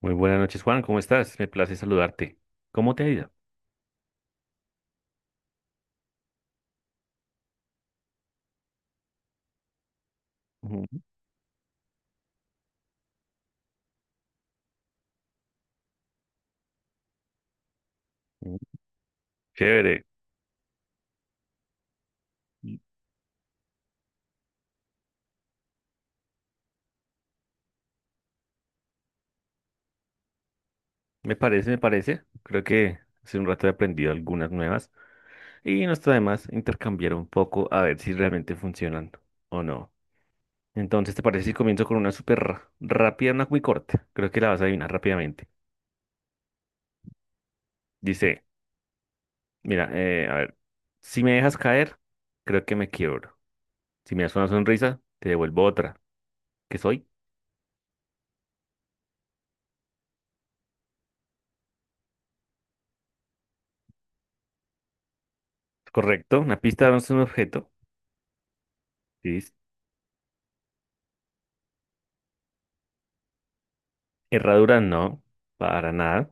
Muy buenas noches, Juan. ¿Cómo estás? Me place saludarte. ¿Cómo te ha ido? Ujú, ujú. Chévere. Me parece, me parece. Creo que hace un rato he aprendido algunas nuevas y no está de más intercambiar un poco a ver si realmente funcionan o no. Entonces, ¿te parece si comienzo con una súper rápida, una muy corta? Creo que la vas a adivinar rápidamente. Dice, mira, a ver, si me dejas caer, creo que me quiebro. Si me das una sonrisa, te devuelvo otra. ¿Qué soy? Correcto. Una pista no es un objeto. Herradura no, para nada.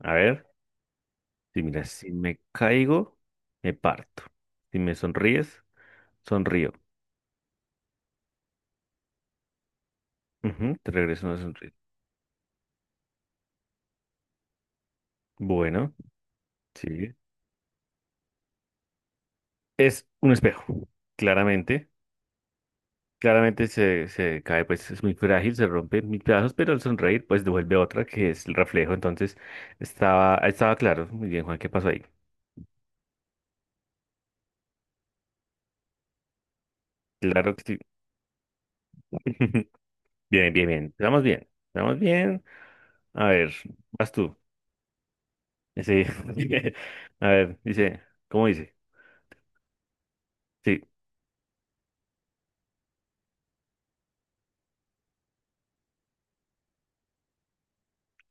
A ver, si mira, si me caigo, me parto. Si me sonríes, sonrío. Ujú, te regreso una sonrisa. Bueno, sí. Es un espejo, claramente. Claramente se cae, pues es muy frágil, se rompe en mil pedazos, pero al sonreír, pues devuelve otra, que es el reflejo. Entonces, estaba claro. Muy bien, Juan, ¿qué pasó ahí? Claro que sí. Bien, bien, bien. Estamos bien. Estamos bien. A ver, vas tú. Sí. A ver, dice, ¿cómo dice? Sí,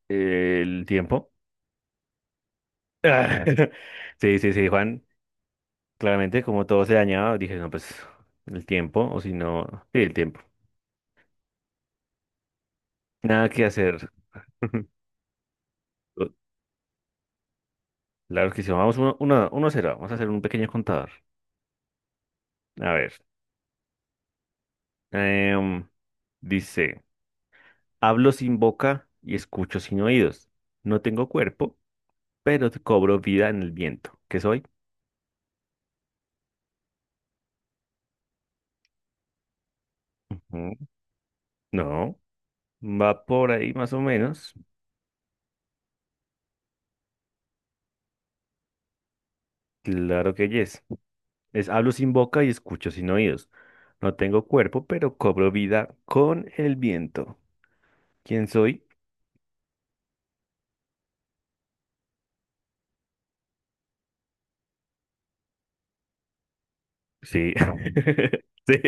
el tiempo. Ah, sí, sí, sí, Juan. Claramente, como todo se dañaba, dije, no, pues el tiempo, o si no, sí, el tiempo. Nada que hacer. Lo- Claro que sí, vamos 1-0. Vamos a hacer un pequeño contador. A ver, em, dice, hablo sin boca y escucho sin oídos. No tengo cuerpo, pero te cobro vida en el viento. ¿Qué soy? Ujú. No, va por ahí más o menos. Claro que yes. Es hablo sin boca y escucho sin oídos. No tengo cuerpo, pero cobro vida con el viento. ¿Quién soy? Sí. Sí.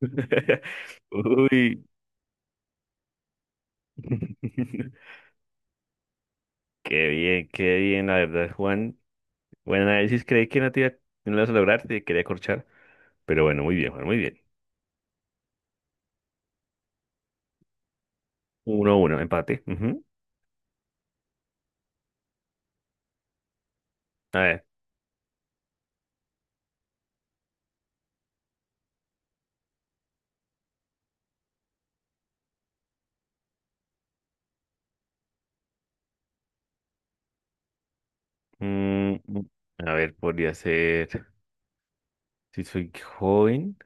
Uy. Qué bien, la verdad, Juan. Buen análisis, creí que no te iba, no lo ibas a lograr, te quería corchar. Pero bueno, muy bien, Juan, muy bien. 1-1, empate. Ujú. A ver. mm, a ver, podría ser. Si soy joven.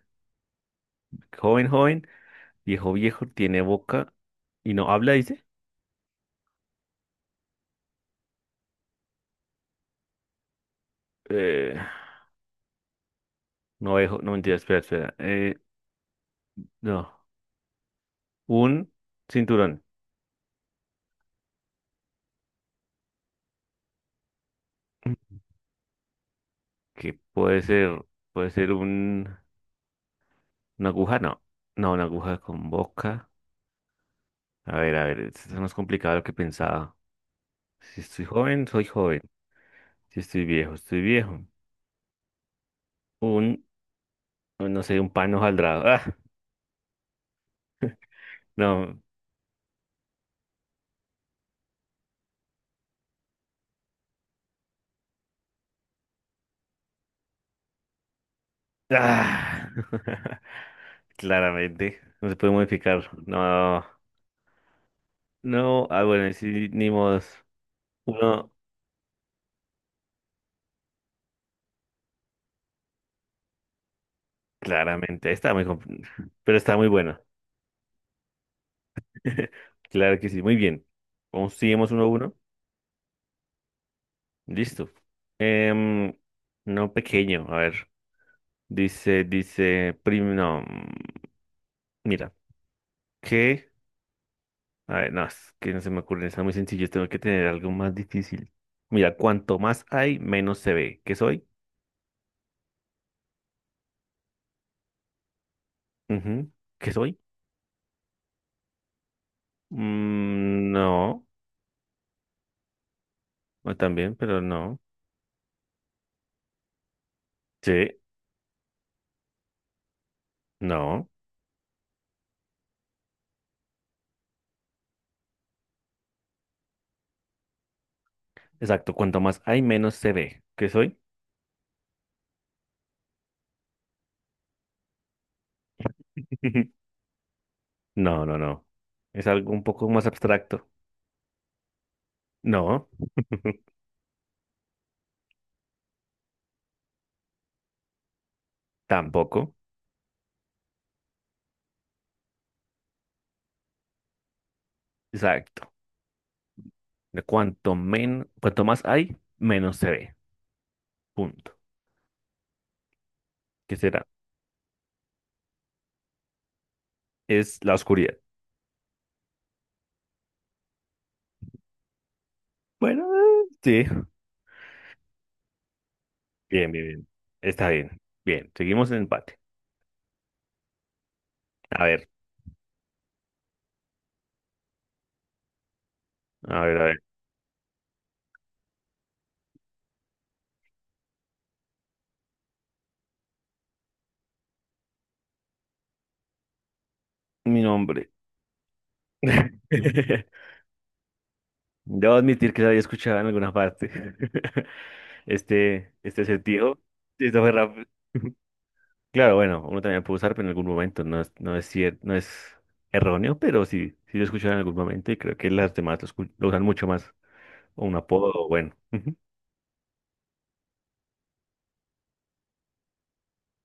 Joven, joven. Viejo viejo, tiene boca y no habla, dice. Eh, no viejo, no mentira, espera, espera. No, un cinturón. Que puede ser un, una aguja, no. No, una aguja con boca. A ver, esto es más complicado de lo que pensaba. Si estoy joven, soy joven. Si estoy viejo, estoy viejo. Un, no sé, un pan hojaldrado. Ah, no. Ah. Claramente, no se puede modificar. No, no. Ah, bueno, sí, ni modo. Uno, claramente, está muy pero está muy bueno. Claro que sí, muy bien. Vamos, seguimos 1-1. Listo. Em, no pequeño, a ver. Dice, prim, no, mm, mira, que, a ver, no, es que no se me ocurren, está muy sencillo, tengo que tener algo más difícil. Mira, cuanto más hay, menos se ve. ¿Qué soy? Ujú. ¿Qué soy? No, no también, pero no. Sí, no. Exacto, cuanto más hay, menos se ve. ¿Qué soy? No, no, no. Es algo un poco más abstracto. No, tampoco. Exacto. De cuanto más hay, menos se ve. Punto. ¿Qué será? Es la oscuridad. Bueno, sí. Bien, bien, bien. Está bien. Bien. Seguimos en empate. A ver, a ver, a ver. Mi nombre. Debo admitir que lo había escuchado en alguna parte. Este sentido. Esto fue rápido. Claro, bueno, uno también puede usar, pero en algún momento no es erróneo, pero sí, sí lo escuchan en algún momento y creo que las demás lo, lo usan mucho más. O un apodo, o bueno. Ujú.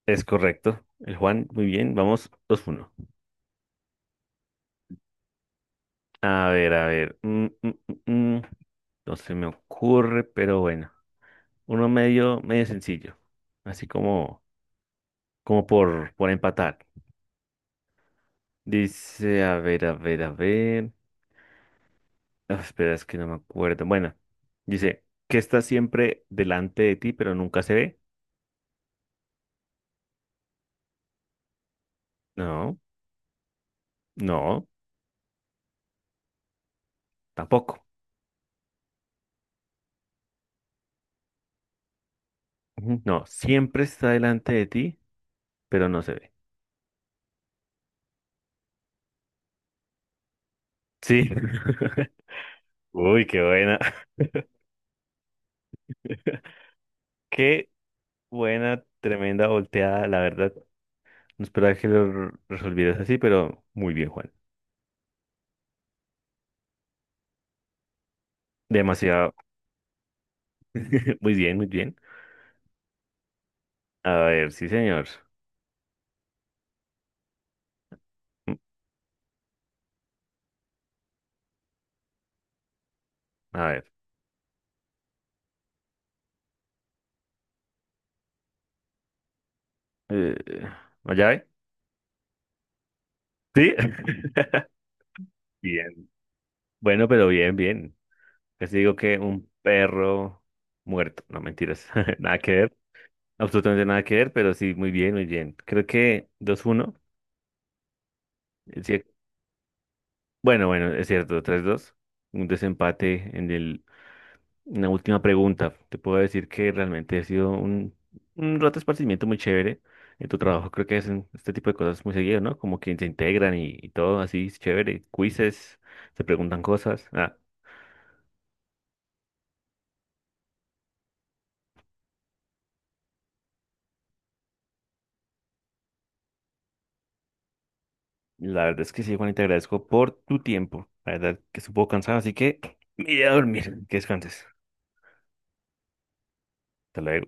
Es correcto. El Juan, muy bien, vamos 2-1. A ver, a ver. Mm, mm, No se me ocurre, pero bueno. Uno medio, medio sencillo. Así como, por empatar. Dice, a ver, a ver, a ver. Ah, espera, es que no me acuerdo. Bueno, dice, ¿que está siempre delante de ti, pero nunca se ve? No, no, tampoco. Ujú, no, siempre está delante de ti, pero no se ve. Sí. Uy, qué buena. Qué buena, tremenda volteada, la verdad. No esperaba que lo resolvieras así, pero muy bien, Juan. Demasiado. Muy bien, muy bien. A ver, sí, señor. Mm, A ver. Eh, ¿La llave? Sí. Bien. Bueno, pero bien, bien. Casi digo que un perro muerto. No, mentiras. Nada que ver. Absolutamente nada que ver, pero sí, muy bien, muy bien. Creo que 2-1 es bueno, bueno, es cierto, 3-2. Un desempate en el, en la última pregunta. Te puedo decir que realmente ha sido un rato de esparcimiento muy chévere. En tu trabajo creo que hacen este tipo de cosas muy seguido, ¿no? Como que se integran y todo así, es chévere. Quizzes, se preguntan cosas. Ah, la verdad es que sí, Juan, y te agradezco por tu tiempo. La verdad que estuvo cansado, así que me iré a dormir. Que descanses. Hasta luego.